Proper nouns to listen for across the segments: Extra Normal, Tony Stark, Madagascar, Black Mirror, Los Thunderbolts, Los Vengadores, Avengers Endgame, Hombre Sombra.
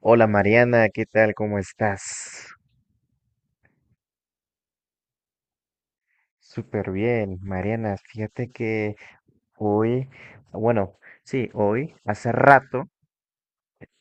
Hola, Mariana, ¿qué tal? ¿Cómo estás? Súper bien, Mariana. Fíjate que hoy, bueno, sí, hoy, hace rato,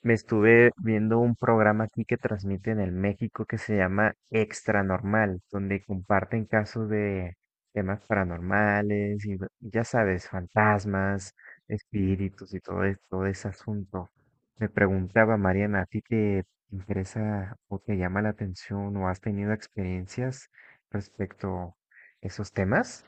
me estuve viendo un programa aquí que transmiten en México que se llama Extra Normal, donde comparten casos de temas paranormales y ya sabes, fantasmas, espíritus y todo, todo ese asunto. Me preguntaba, Mariana, ¿a ti te interesa o te llama la atención o has tenido experiencias respecto a esos temas?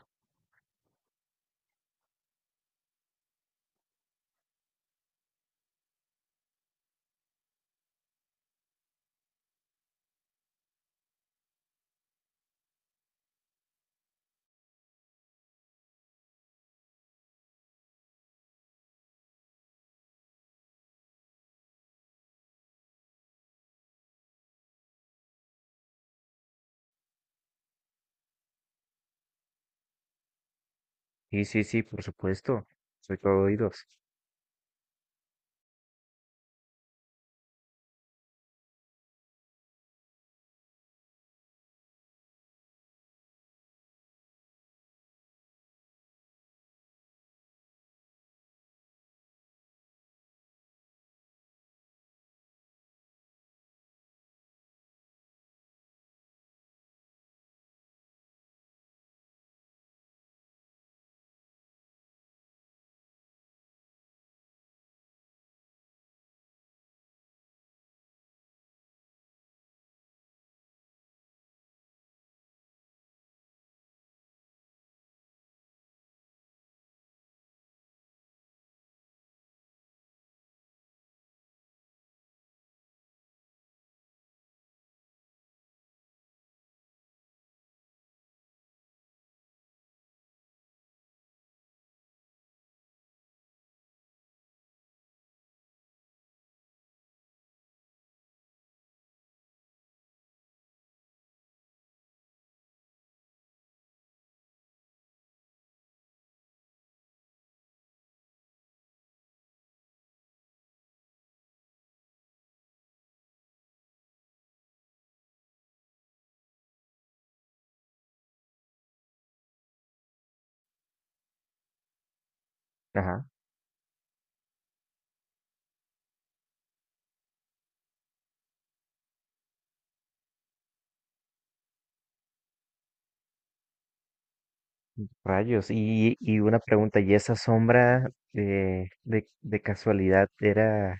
Sí, sí, sí, por supuesto. Soy todo oídos. Ajá. Rayos, y una pregunta, ¿y esa sombra de casualidad era,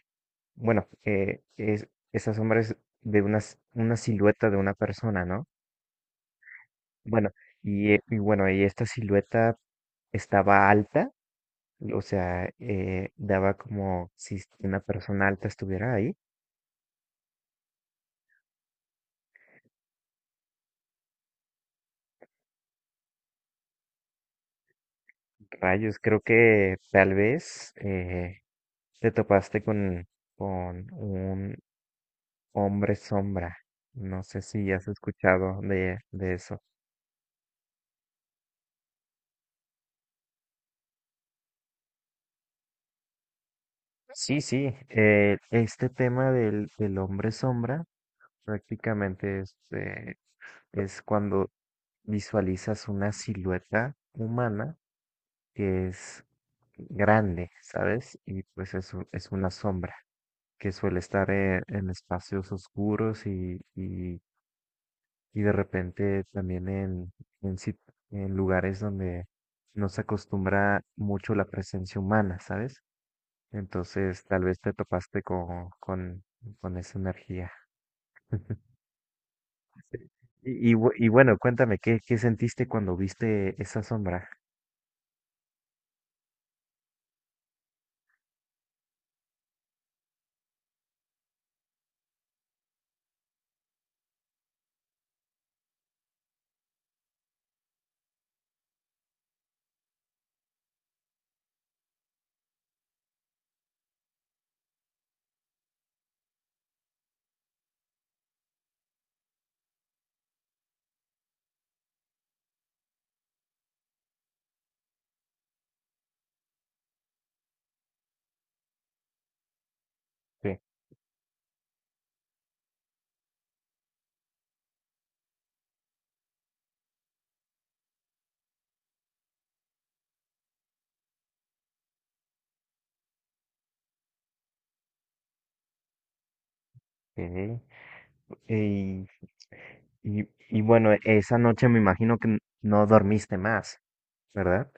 bueno, esa sombra es de una, una silueta de una persona, ¿no? Bueno, y bueno, y esta silueta estaba alta, o sea, daba como si una persona alta estuviera ahí. Rayos, creo que tal vez te topaste con Hombre Sombra. No sé si has escuchado de eso. Sí, sí, este tema del hombre sombra prácticamente es cuando visualizas una silueta humana que es grande, ¿sabes? Y pues es una sombra que suele estar en espacios oscuros y y de repente también en, sit- en lugares donde no se acostumbra mucho la presencia humana, ¿sabes? Entonces tal vez te topaste con esa energía. Y bueno, cuéntame, ¿qué sentiste cuando viste esa sombra? Sí. Ok. Y, y bueno, esa noche me imagino que no dormiste más, ¿verdad?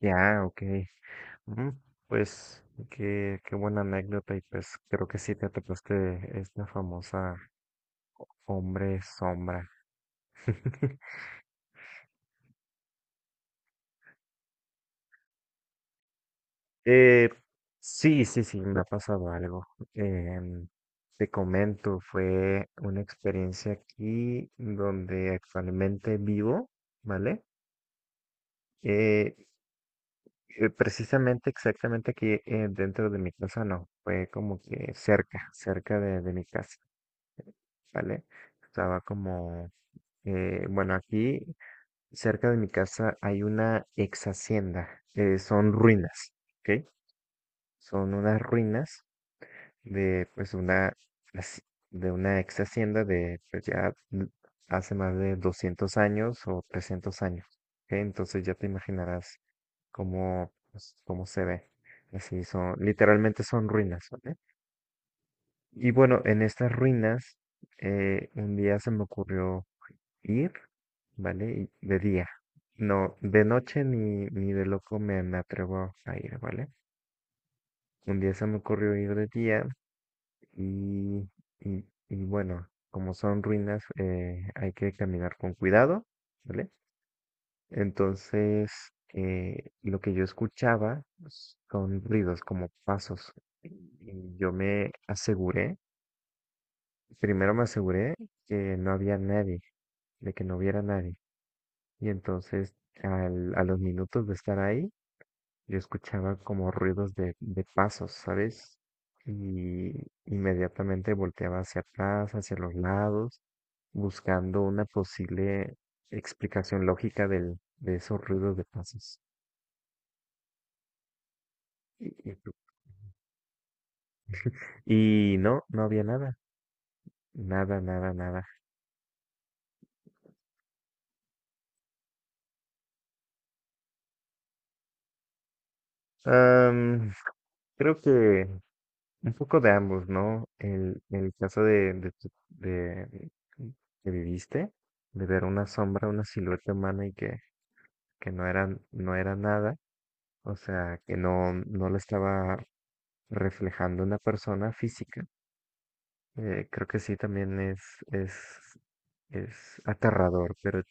Ya, ok. Ujú, pues qué buena anécdota y pues creo que sí te topaste esta famosa hombre sombra. Eh, sí, sí, sí, me ha pasado algo. Em, te comento, fue una experiencia aquí donde actualmente vivo, ¿vale? Eh, precisamente, exactamente aquí dentro de mi casa, no, fue como que cerca, de mi casa, ¿vale? Estaba como bueno, aquí cerca de mi casa hay una ex hacienda. Son ruinas, ¿ok? Son unas ruinas de pues una haci- de una ex hacienda de pues ya hace más de 200 años o 300 años, ¿ok? Entonces ya te imaginarás cómo pues, cómo se ve. Así son, literalmente son ruinas, ¿vale? Y bueno, en estas ruinas un día se me ocurrió ir, ¿vale? Y de día. No, de noche ni de loco me atrevo a ir, ¿vale? Un día se me ocurrió ir de día y, y bueno, como son ruinas, hay que caminar con cuidado, ¿vale? Entonces, lo que yo escuchaba pues, son ruidos como pasos. Y yo me aseguré, primero me aseguré que no había nadie, de que no hubiera nadie. Y entonces, a los minutos de estar ahí, yo escuchaba como ruidos de pasos, ¿sabes? Y inmediatamente volteaba hacia atrás, hacia los lados, buscando una posible explicación lógica de esos ruidos de pasos. Y, y- y no, no había nada, nada, nada, nada. Am, creo que un poco de ambos, ¿no? El caso de, tu- de- mm, que viviste, de ver una sombra, una silueta humana y que no era, no era nada, o sea, que no, no lo estaba reflejando una persona física. Creo que sí, también es, es aterrador, pero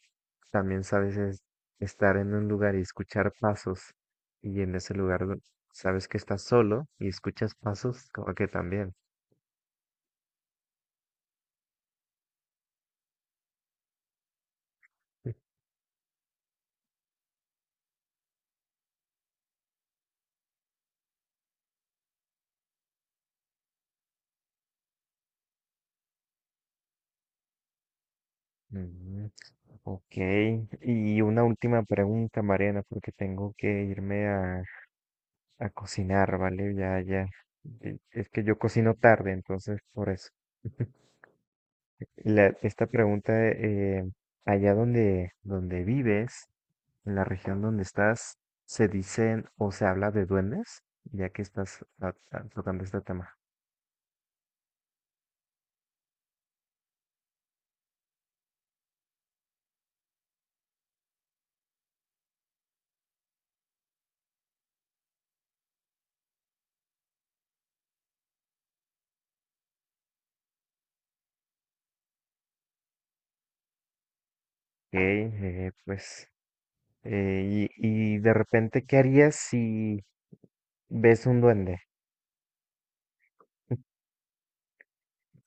también sabes es estar en un lugar y escuchar pasos y en ese lugar sabes que estás solo y escuchas pasos, como que también. Mm, ok. Y una última pregunta, Mariana, porque tengo que irme a cocinar, ¿vale? Ya, ya. Es que yo cocino tarde, entonces por eso. Esta pregunta, allá donde vives, en la región donde estás se dicen o se habla de duendes, ya que estás tocando este tema. Ok, pues, y de repente, ¿qué harías si ves un duende?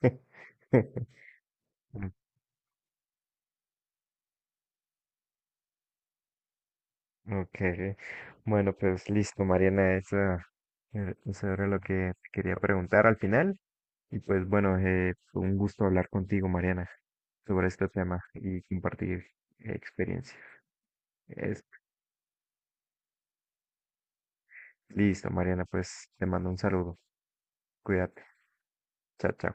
Mm, okay, bueno, pues listo, Mariana, eso, eso era lo que te quería preguntar al final. Y pues bueno, fue un gusto hablar contigo, Mariana, sobre este tema y compartir experiencias. Es- Listo, Mariana, pues te mando un saludo. Cuídate. Chao, chao.